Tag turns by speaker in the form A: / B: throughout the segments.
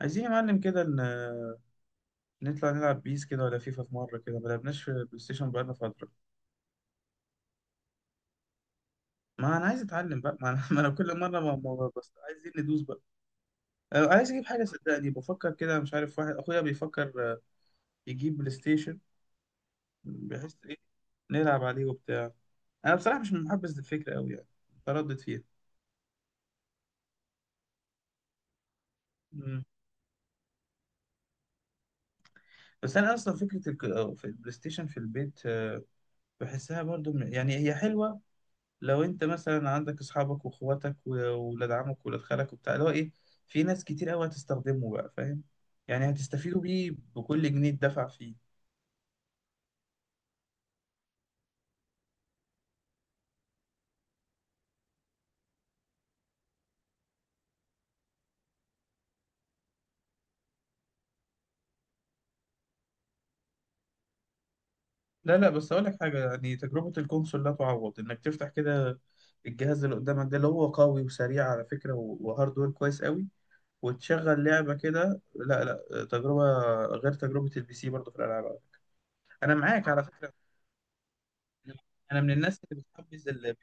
A: عايزين يا معلم كده نطلع نلعب بيس كده ولا فيفا في مرة كده ما لعبناش في البلاي ستيشن بقالنا فترة. ما أنا عايز أتعلم بقى، ما أنا, ما أنا كل مرة بس عايزين ندوس بقى. أنا عايز أجيب حاجة، صدقني بفكر كده، مش عارف، واحد أخويا بيفكر يجيب بلاي ستيشن، بحيث إيه نلعب عليه وبتاع. أنا بصراحة مش محبذ للفكرة أوي يعني، متردد فيها. مم. بس أنا أصلا فكرة في البلاي ستيشن في البيت بحسها برضو يعني هي حلوة. لو انت مثلا عندك اصحابك واخواتك وولاد عمك وولاد خالك وبتاع، اللي هو ايه، في ناس كتير قوي هتستخدمه بقى، فاهم؟ يعني هتستفيدوا بيه بكل جنيه اتدفع فيه. لا لا، بس اقول لك حاجه، يعني تجربه الكونسول لا تعوض. انك تفتح كده الجهاز اللي قدامك ده، اللي هو قوي وسريع على فكره، وهاردوير كويس قوي، وتشغل لعبه كده، لا لا، تجربه غير تجربه البي سي برضه في الالعاب. انا معاك على فكره. انا من الناس اللي بتحبذ البي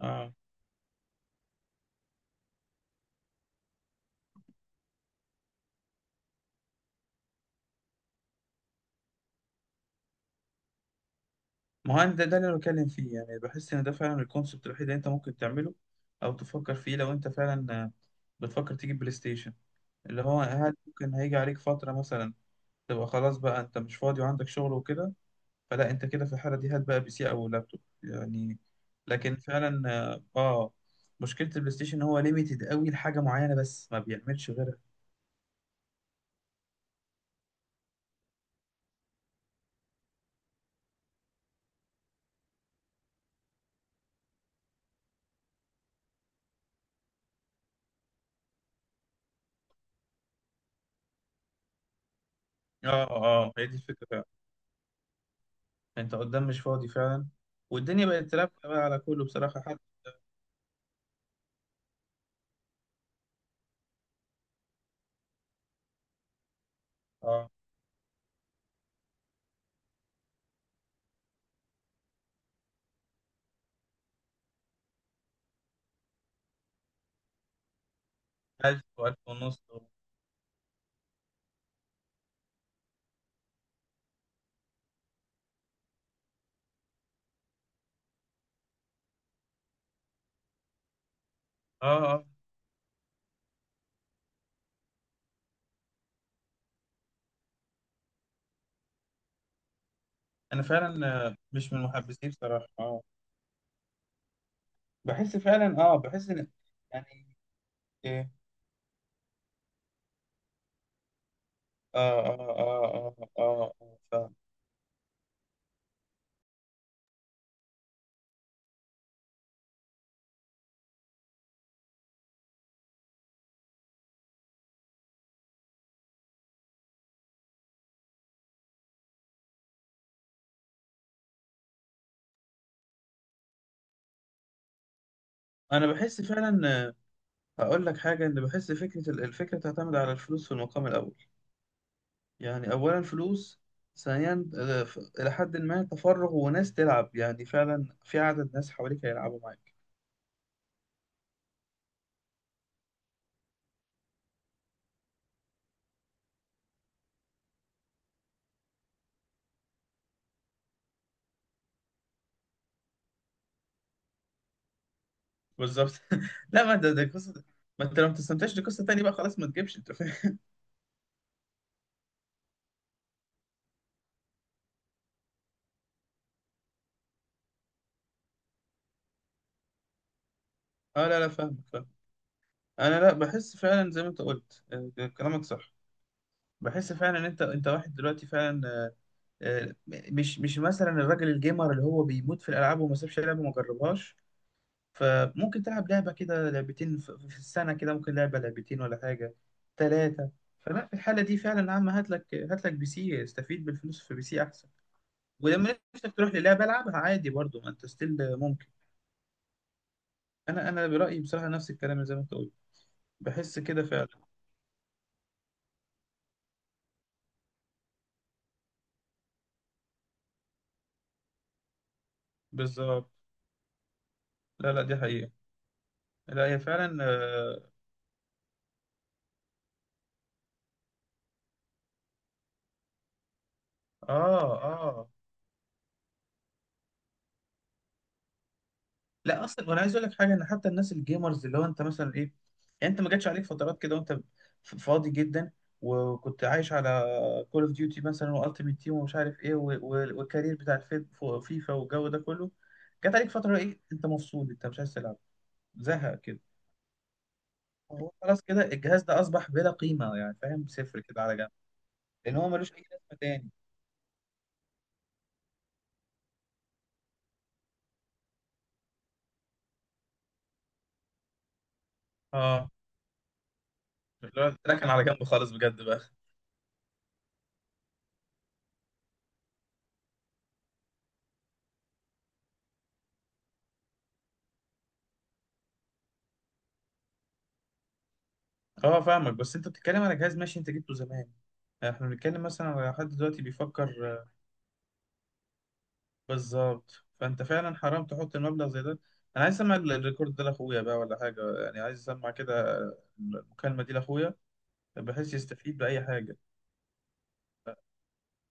A: سي. ما هو أنا ده اللي أنا بتكلم فيه، يعني بحس إن ده فعلا الكونسبت الوحيد اللي أنت ممكن تعمله أو تفكر فيه لو أنت فعلا بتفكر تجيب بلاي ستيشن. اللي هو هل ممكن هيجي عليك فترة مثلا تبقى خلاص بقى أنت مش فاضي وعندك شغل وكده؟ فلا أنت كده في الحالة دي هات بقى بي سي أو لابتوب يعني. لكن فعلا مشكلة البلاي ستيشن إن هو ليميتد قوي لحاجة معينة بس، ما بيعملش غيرها. هي دي الفكرة فعلا. أنت قدام مش فاضي فعلا، والدنيا بقت تلعب بقى على كله بصراحة حتى. آه، ألف وألف ونص. اه اه، انا فعلا مش من محبسيه بصراحه. اه، بحس فعلا، اه بحس ان، يعني إيه، اه اه اه اه اه اه، فاهم. انا بحس فعلا هقول لك حاجه، ان بحس فكره الفكره تعتمد على الفلوس في المقام الاول. يعني اولا فلوس، ثانيا الى حد ما تفرغ، وناس تلعب، يعني فعلا في عدد ناس حواليك هيلعبوا معاك. بالظبط. لا، ما ده قصه. ما انت لو ما بتستمتعش دي قصه تانيه بقى، خلاص ما تجيبش، انت فاهم. اه لا لا، فاهم. انا لا، بحس فعلا زي ما انت قلت كلامك صح. بحس فعلا ان انت واحد دلوقتي فعلا آه، مش مثلا الراجل الجيمر اللي هو بيموت في الالعاب وما سابش لعبه وما جربهاش. فممكن تلعب لعبه كده، لعبتين في السنه، كده ممكن لعبه لعبتين ولا حاجه، ثلاثه. فلا في الحاله دي فعلا يا عم هات لك، هات لك بي سي، استفيد بالفلوس في بي سي احسن. ولما نفسك تروح للعبه، العبها عادي برضو، ما انت ستيل ممكن. انا انا برايي بصراحه نفس الكلام زي ما انت قلت، بحس كده فعلا. بالظبط، لا لا، دي حقيقه. لا هي فعلا، اه اه لا اصلا وانا عايز اقول لك حاجه، ان حتى الناس الجيمرز اللي هو انت مثلا ايه، يعني انت ما جاتش عليك فترات كده وانت فاضي جدا وكنت عايش على كول اوف ديوتي مثلا والتيمت تيم ومش عارف ايه و- و- والكارير بتاع فيفا والجو ده كله. جات عليك فتره ايه، انت مفصول، انت مش عايز تلعب، زهق كده. هو خلاص كده الجهاز ده اصبح بلا قيمه يعني فاهم، صفر كده على جنب. لان هو ملوش اي لازمه تاني. اه، لا، ده كان على جنب خالص بجد بقى. اه فاهمك، بس انت بتتكلم على جهاز ماشي، انت جبته زمان، يعني احنا بنتكلم مثلا على حد دلوقتي بيفكر بالظبط، فانت فعلا حرام تحط المبلغ زي ده. انا عايز اسمع الريكورد ده لاخويا بقى ولا حاجه، يعني عايز اسمع كده المكالمه دي لاخويا، بحيث يستفيد باي حاجه.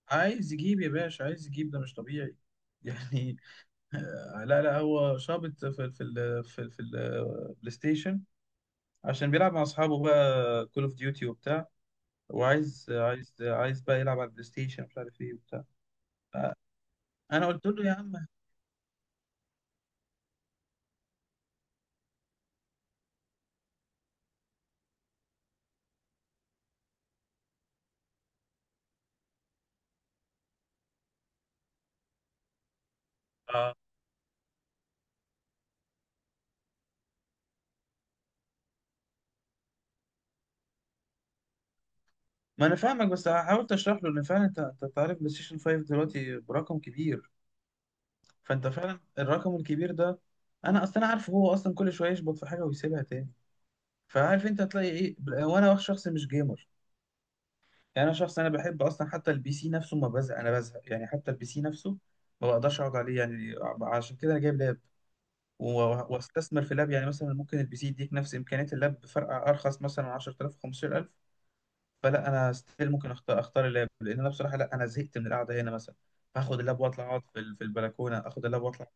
A: عايز يجيب يا باشا عايز يجيب، ده مش طبيعي يعني. لا لا، هو شابط في في البلاي ستيشن عشان بيلعب مع اصحابه بقى كول اوف ديوتي وبتاع، وعايز عايز عايز بقى يلعب على البلاي ستيشن مش عارف ايه وبتاع. انا قلت له يا عم. اه، ما انا فاهمك، بس حاولت اشرح له ان فعلا انت، انت تعرف بلاي ستيشن 5 دلوقتي برقم كبير، فانت فعلا الرقم الكبير ده، انا اصلا عارف هو اصلا كل شويه يشبط في حاجه ويسيبها تاني، فعارف انت هتلاقي ايه وانا شخص مش جيمر. يعني انا شخص انا بحب اصلا حتى البي سي نفسه ما بزهق، انا بزهق يعني حتى البي سي نفسه ما بقدرش اقعد عليه يعني. عشان كده انا جايب لاب واستثمر في لاب، يعني مثلا ممكن البي سي يديك نفس امكانيات اللاب بفرق ارخص مثلا 10,000 15,000. فلا انا ستيل ممكن اختار اللاب، لان انا بصراحه لا انا زهقت من القعده هنا مثلا. فاخد اللاب واطلع اقعد في في البلكونه، اخد اللاب واطلع.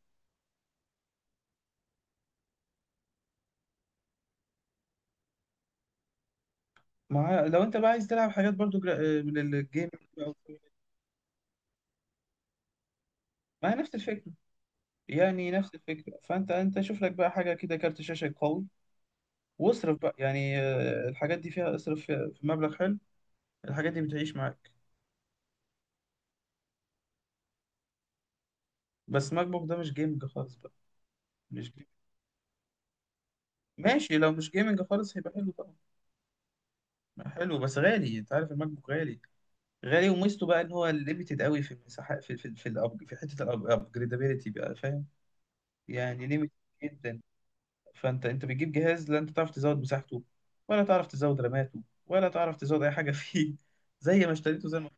A: مع لو انت بقى عايز تلعب حاجات برضو جرا... آه، من الجيم، ما هي نفس الفكره، يعني نفس الفكره. فانت انت شوف لك بقى حاجه كده، كارت شاشه قوي، واصرف بقى يعني الحاجات دي فيها اصرف فيها في مبلغ حلو، الحاجات دي بتعيش معاك. بس ماك بوك ده مش جيمنج خالص بقى. مش جيمنج. ماشي، لو مش جيمنج خالص هيبقى حلو طبعا. حلو بس غالي، انت عارف الماك بوك غالي، غالي، وميزته بقى ان هو ليميتد قوي في المساحه في في حته الابجريدابيلتي بقى، فاهم؟ يعني ليميتد جدا. فانت انت بتجيب جهاز لا انت تعرف تزود مساحته، ولا تعرف تزود راماته، ولا تعرف تزود اي حاجه فيه زي ما اشتريته زي ما.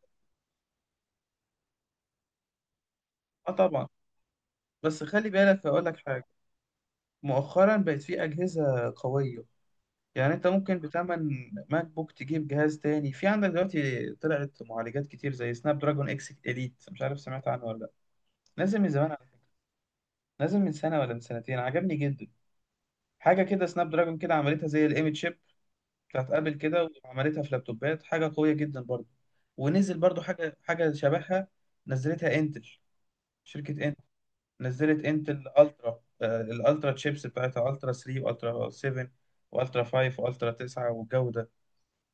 A: اه طبعا. بس خلي بالك اقول لك حاجه، مؤخرا بقت في اجهزه قويه، يعني انت ممكن بتمن ماك بوك تجيب جهاز تاني. في عندك دلوقتي طلعت معالجات كتير زي سناب دراجون اكس اليت، مش عارف سمعت عنه ولا لا. نازل من زمان، نازل من سنة ولا من سنتين، عجبني جدا. حاجة كده سناب دراجون كده عملتها زي الايمج شيب بتاعت ابل كده، وعملتها في لابتوبات، حاجة قوية جدا برضه. ونزل برضه حاجة شبهها، نزلتها انتل، شركة انتل. نزلت انتل الترا الالترا تشيبس بتاعتها، الترا 3 والترا 7 والترا 5 والترا 9 والجو ده،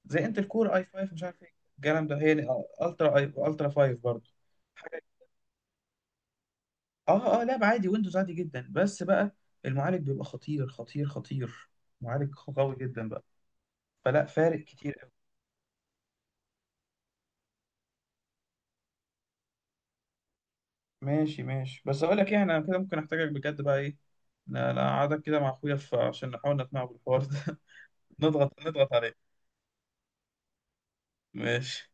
A: زي انتل كور اي 5 مش عارف ايه الكلام ده. هي الترا اي الترا 5 برضه. اه اه، لعبة عادي، ويندوز عادي جدا، بس بقى المعالج بيبقى خطير خطير خطير، معالج قوي جدا بقى. فلا، فارق كتير قوي. ماشي ماشي. بس اقول لك ايه، انا كده ممكن احتاجك بجد بقى ايه، لا لا، اقعدك كده مع اخويا عشان نحاول نقنعه بالحوار ده. نضغط عليه. ماشي.